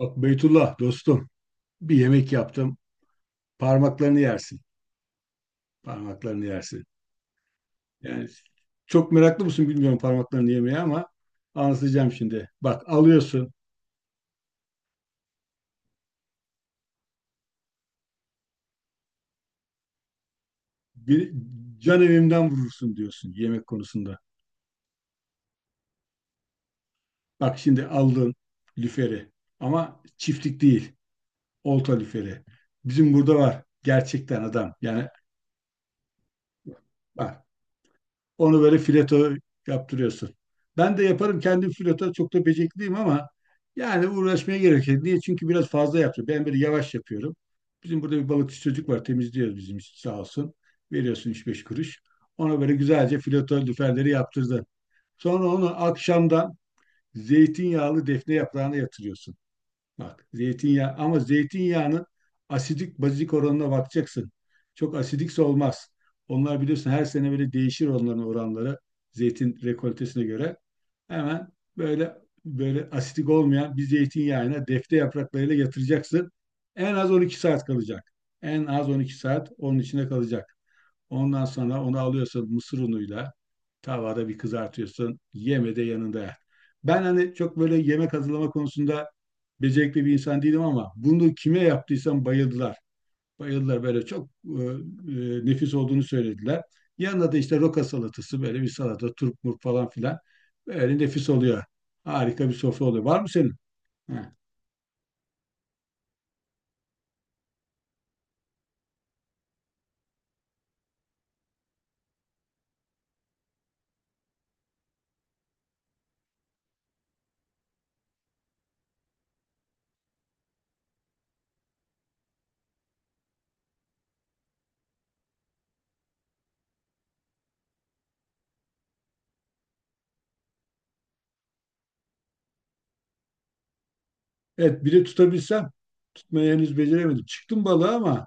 Bak Beytullah dostum, bir yemek yaptım. Parmaklarını yersin. Parmaklarını yersin. Yani çok meraklı mısın bilmiyorum parmaklarını yemeye ama anlatacağım şimdi. Bak, alıyorsun bir can evimden vurursun diyorsun yemek konusunda. Bak şimdi aldın lüferi ama çiftlik değil, olta lüferi. Bizim burada var gerçekten adam. Yani bak, onu böyle fileto yaptırıyorsun. Ben de yaparım kendim fileto, çok da becerikliyim ama yani uğraşmaya gerek yok. Niye? Çünkü biraz fazla yapıyorum. Ben böyle yavaş yapıyorum. Bizim burada bir balıkçı çocuk var, temizliyor bizim için sağ olsun. Veriyorsun üç beş kuruş. Ona böyle güzelce fileto lüferleri yaptırdı. Sonra onu akşamdan zeytinyağlı defne yaprağına yatırıyorsun. Bak zeytinyağı, ama zeytinyağının asidik bazik oranına bakacaksın. Çok asidikse olmaz. Onlar biliyorsun her sene böyle değişir, onların oranları zeytin rekoltesine göre. Hemen böyle, böyle asidik olmayan bir zeytinyağına defne yapraklarıyla yatıracaksın. En az 12 saat kalacak. En az 12 saat onun içine kalacak. Ondan sonra onu alıyorsun mısır unuyla tavada bir kızartıyorsun. Yeme de yanında yer. Ben hani çok böyle yemek hazırlama konusunda becerikli bir insan değilim ama bunu kime yaptıysam bayıldılar. Bayıldılar, böyle çok nefis olduğunu söylediler. Yanında da işte roka salatası, böyle bir salata, turp murp falan filan. Böyle nefis oluyor. Harika bir sofra oluyor. Var mı senin? Ha. Evet, biri tutabilsem tutmayı henüz beceremedim. Çıktım balığa ama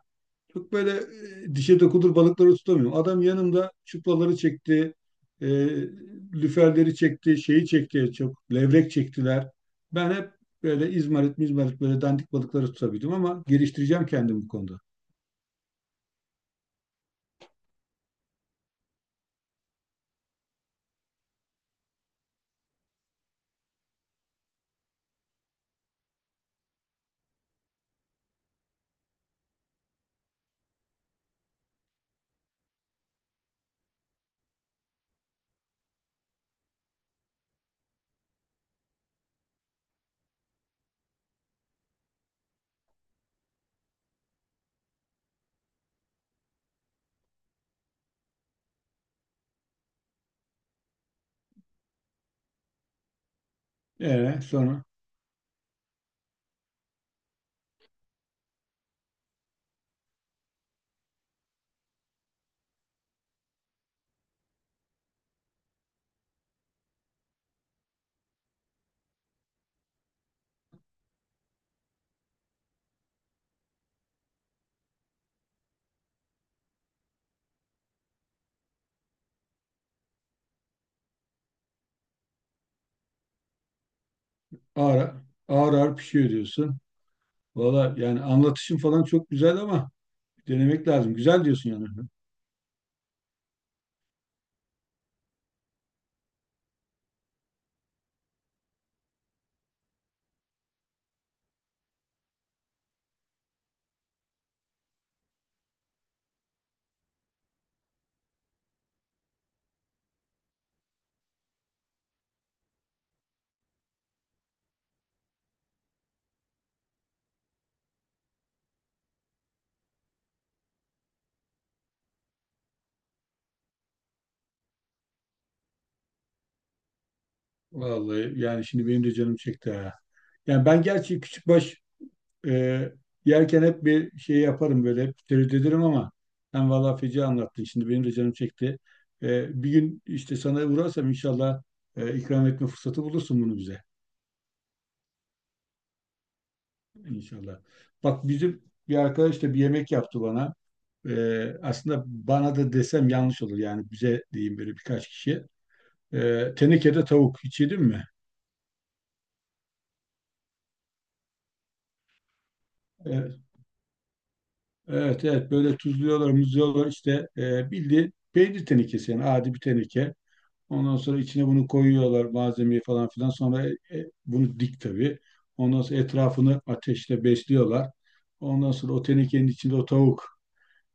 çok böyle dişe dokunur balıkları tutamıyorum. Adam yanımda çuplaları çekti, e, lüferleri çekti, şeyi çekti, çok levrek çektiler. Ben hep böyle izmarit mizmarit, böyle dandik balıkları tutabildim ama geliştireceğim kendimi bu konuda. Sonra ağır, ağır ağır pişiyor diyorsun. Valla yani anlatışın falan çok güzel ama denemek lazım. Güzel diyorsun yani. Vallahi yani şimdi benim de canım çekti ha. Yani ben gerçi küçükbaş Ee, yerken hep bir şey yaparım, böyle hep tereddüt ederim ama sen valla feci anlattın, şimdi benim de canım çekti. Bir gün işte sana uğrarsam inşallah ikram etme fırsatı bulursun bunu bize inşallah. Bak bizim bir arkadaş da bir yemek yaptı bana. Aslında bana da desem yanlış olur, yani bize diyeyim, böyle birkaç kişi. Tenekede tavuk hiç yedin mi? Evet, evet evet. Böyle tuzluyorlar, muzluyorlar işte, bildiğin peynir tenekesi, yani adi bir teneke. Ondan sonra içine bunu koyuyorlar malzemeyi falan filan. Sonra bunu dik tabii. Ondan sonra etrafını ateşle besliyorlar. Ondan sonra o tenekenin içinde o tavuk,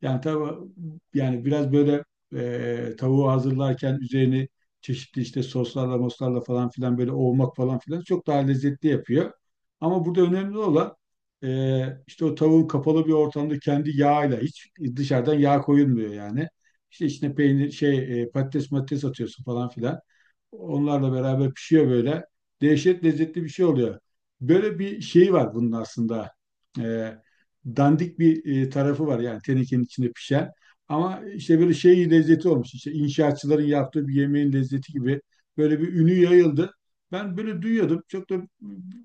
yani tabii, yani biraz böyle tavuğu hazırlarken üzerini çeşitli işte soslarla moslarla falan filan böyle ovmak falan filan çok daha lezzetli yapıyor. Ama burada önemli olan işte o tavuğun kapalı bir ortamda kendi yağıyla, hiç dışarıdan yağ koyulmuyor yani. İşte içine peynir şey, patates matates atıyorsun falan filan. Onlarla beraber pişiyor böyle. Dehşet lezzetli bir şey oluyor. Böyle bir şey var bunun aslında. E, Dandik bir tarafı var, yani tenekenin içinde pişen. Ama işte böyle şey lezzeti olmuş. İşte inşaatçıların yaptığı bir yemeğin lezzeti gibi böyle bir ünü yayıldı. Ben böyle duyuyordum. Çok da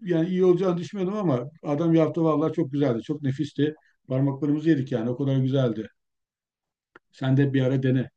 yani iyi olacağını düşünmüyordum ama adam yaptı, vallahi çok güzeldi. Çok nefisti. Parmaklarımızı yedik yani. O kadar güzeldi. Sen de bir ara dene.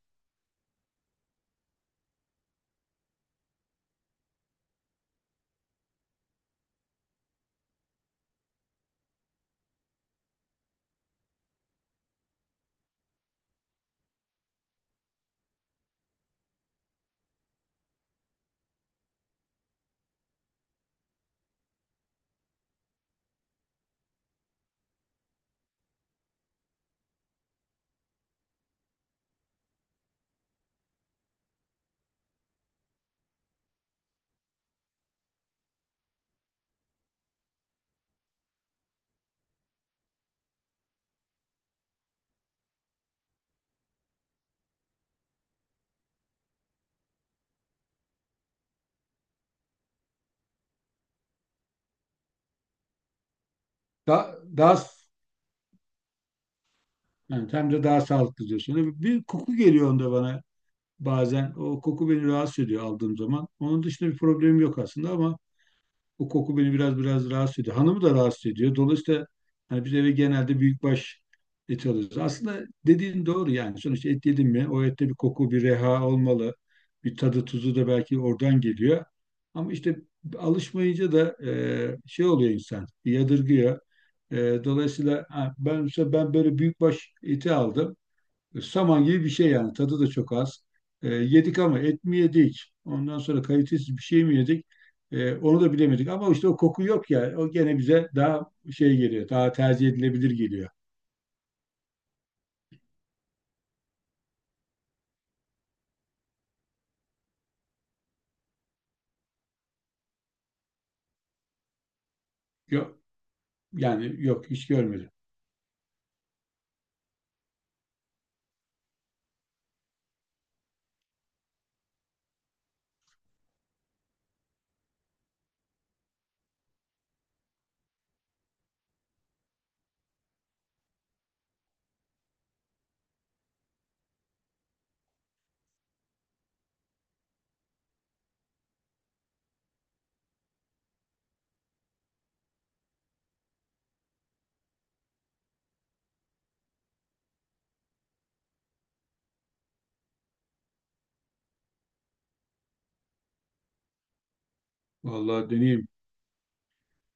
Daha yani hem de daha sağlıklı diyorsun. Bir koku geliyor onda bana bazen. O koku beni rahatsız ediyor aldığım zaman. Onun dışında bir problemim yok aslında ama o koku beni biraz biraz rahatsız ediyor. Hanımı da rahatsız ediyor. Dolayısıyla hani biz eve genelde büyükbaş eti alıyoruz. Aslında dediğin doğru yani. Sonuçta et yedim mi o ette bir koku, bir reha olmalı. Bir tadı tuzu da belki oradan geliyor. Ama işte alışmayınca da şey oluyor insan, yadırgıyor. E, dolayısıyla ha, mesela ben böyle büyükbaş eti aldım. Saman gibi bir şey yani. Tadı da çok az. Yedik ama et mi yedik? Ondan sonra kalitesiz bir şey mi yedik? Onu da bilemedik. Ama işte o koku yok ya. O gene bize daha şey geliyor. Daha tercih edilebilir geliyor. Yok, yani yok hiç görmedim. Vallahi deneyeyim.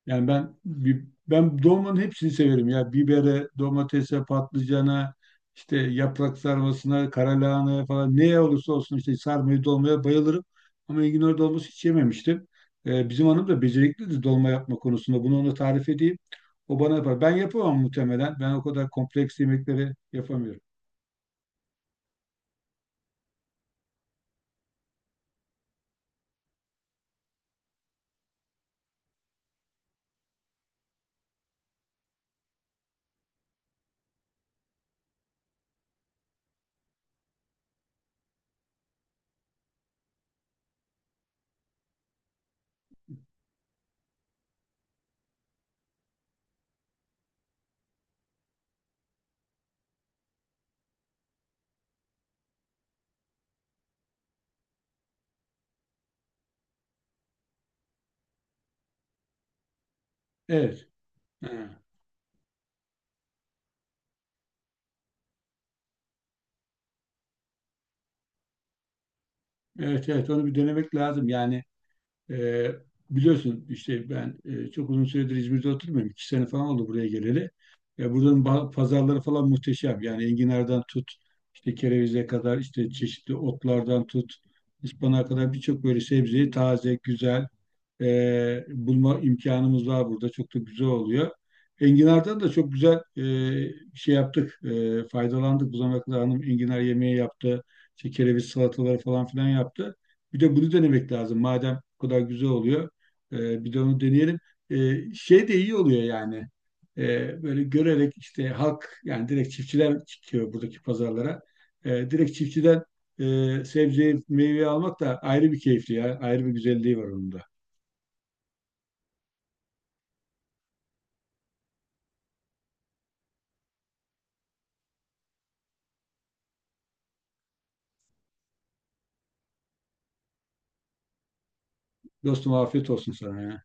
Yani ben ben dolmanın hepsini severim ya. Bibere, domatese, patlıcana, işte yaprak sarmasına, kara lahanaya falan, neye olursa olsun, işte sarmayı dolmaya bayılırım. Ama enginar dolması hiç yememiştim. Bizim hanım da beceriklidir dolma yapma konusunda. Bunu ona tarif edeyim. O bana yapar. Ben yapamam muhtemelen. Ben o kadar kompleks yemekleri yapamıyorum. Evet. Ha. Evet evet, onu bir denemek lazım. Yani E, biliyorsun işte ben çok uzun süredir İzmir'de oturmuyorum. 2 sene falan oldu buraya geleli. Buranın pazarları falan muhteşem. Yani enginardan tut, işte kerevize kadar, işte çeşitli otlardan tut, ıspanağa kadar birçok böyle sebzeyi taze, güzel, bulma imkanımız var burada. Çok da güzel oluyor. Enginar'dan da çok güzel şey yaptık. Faydalandık. Bu zamana kadar hanım enginar yemeği yaptı. İşte kereviz salataları falan filan yaptı. Bir de bunu denemek lazım. Madem bu kadar güzel oluyor, bir de onu deneyelim. Şey de iyi oluyor yani. Böyle görerek işte halk, yani direkt çiftçiler çıkıyor buradaki pazarlara. Direkt çiftçiden sebzeyi, meyveyi almak da ayrı bir keyifli ya. Ayrı bir güzelliği var onun da. Dostum, afiyet olsun sana ya.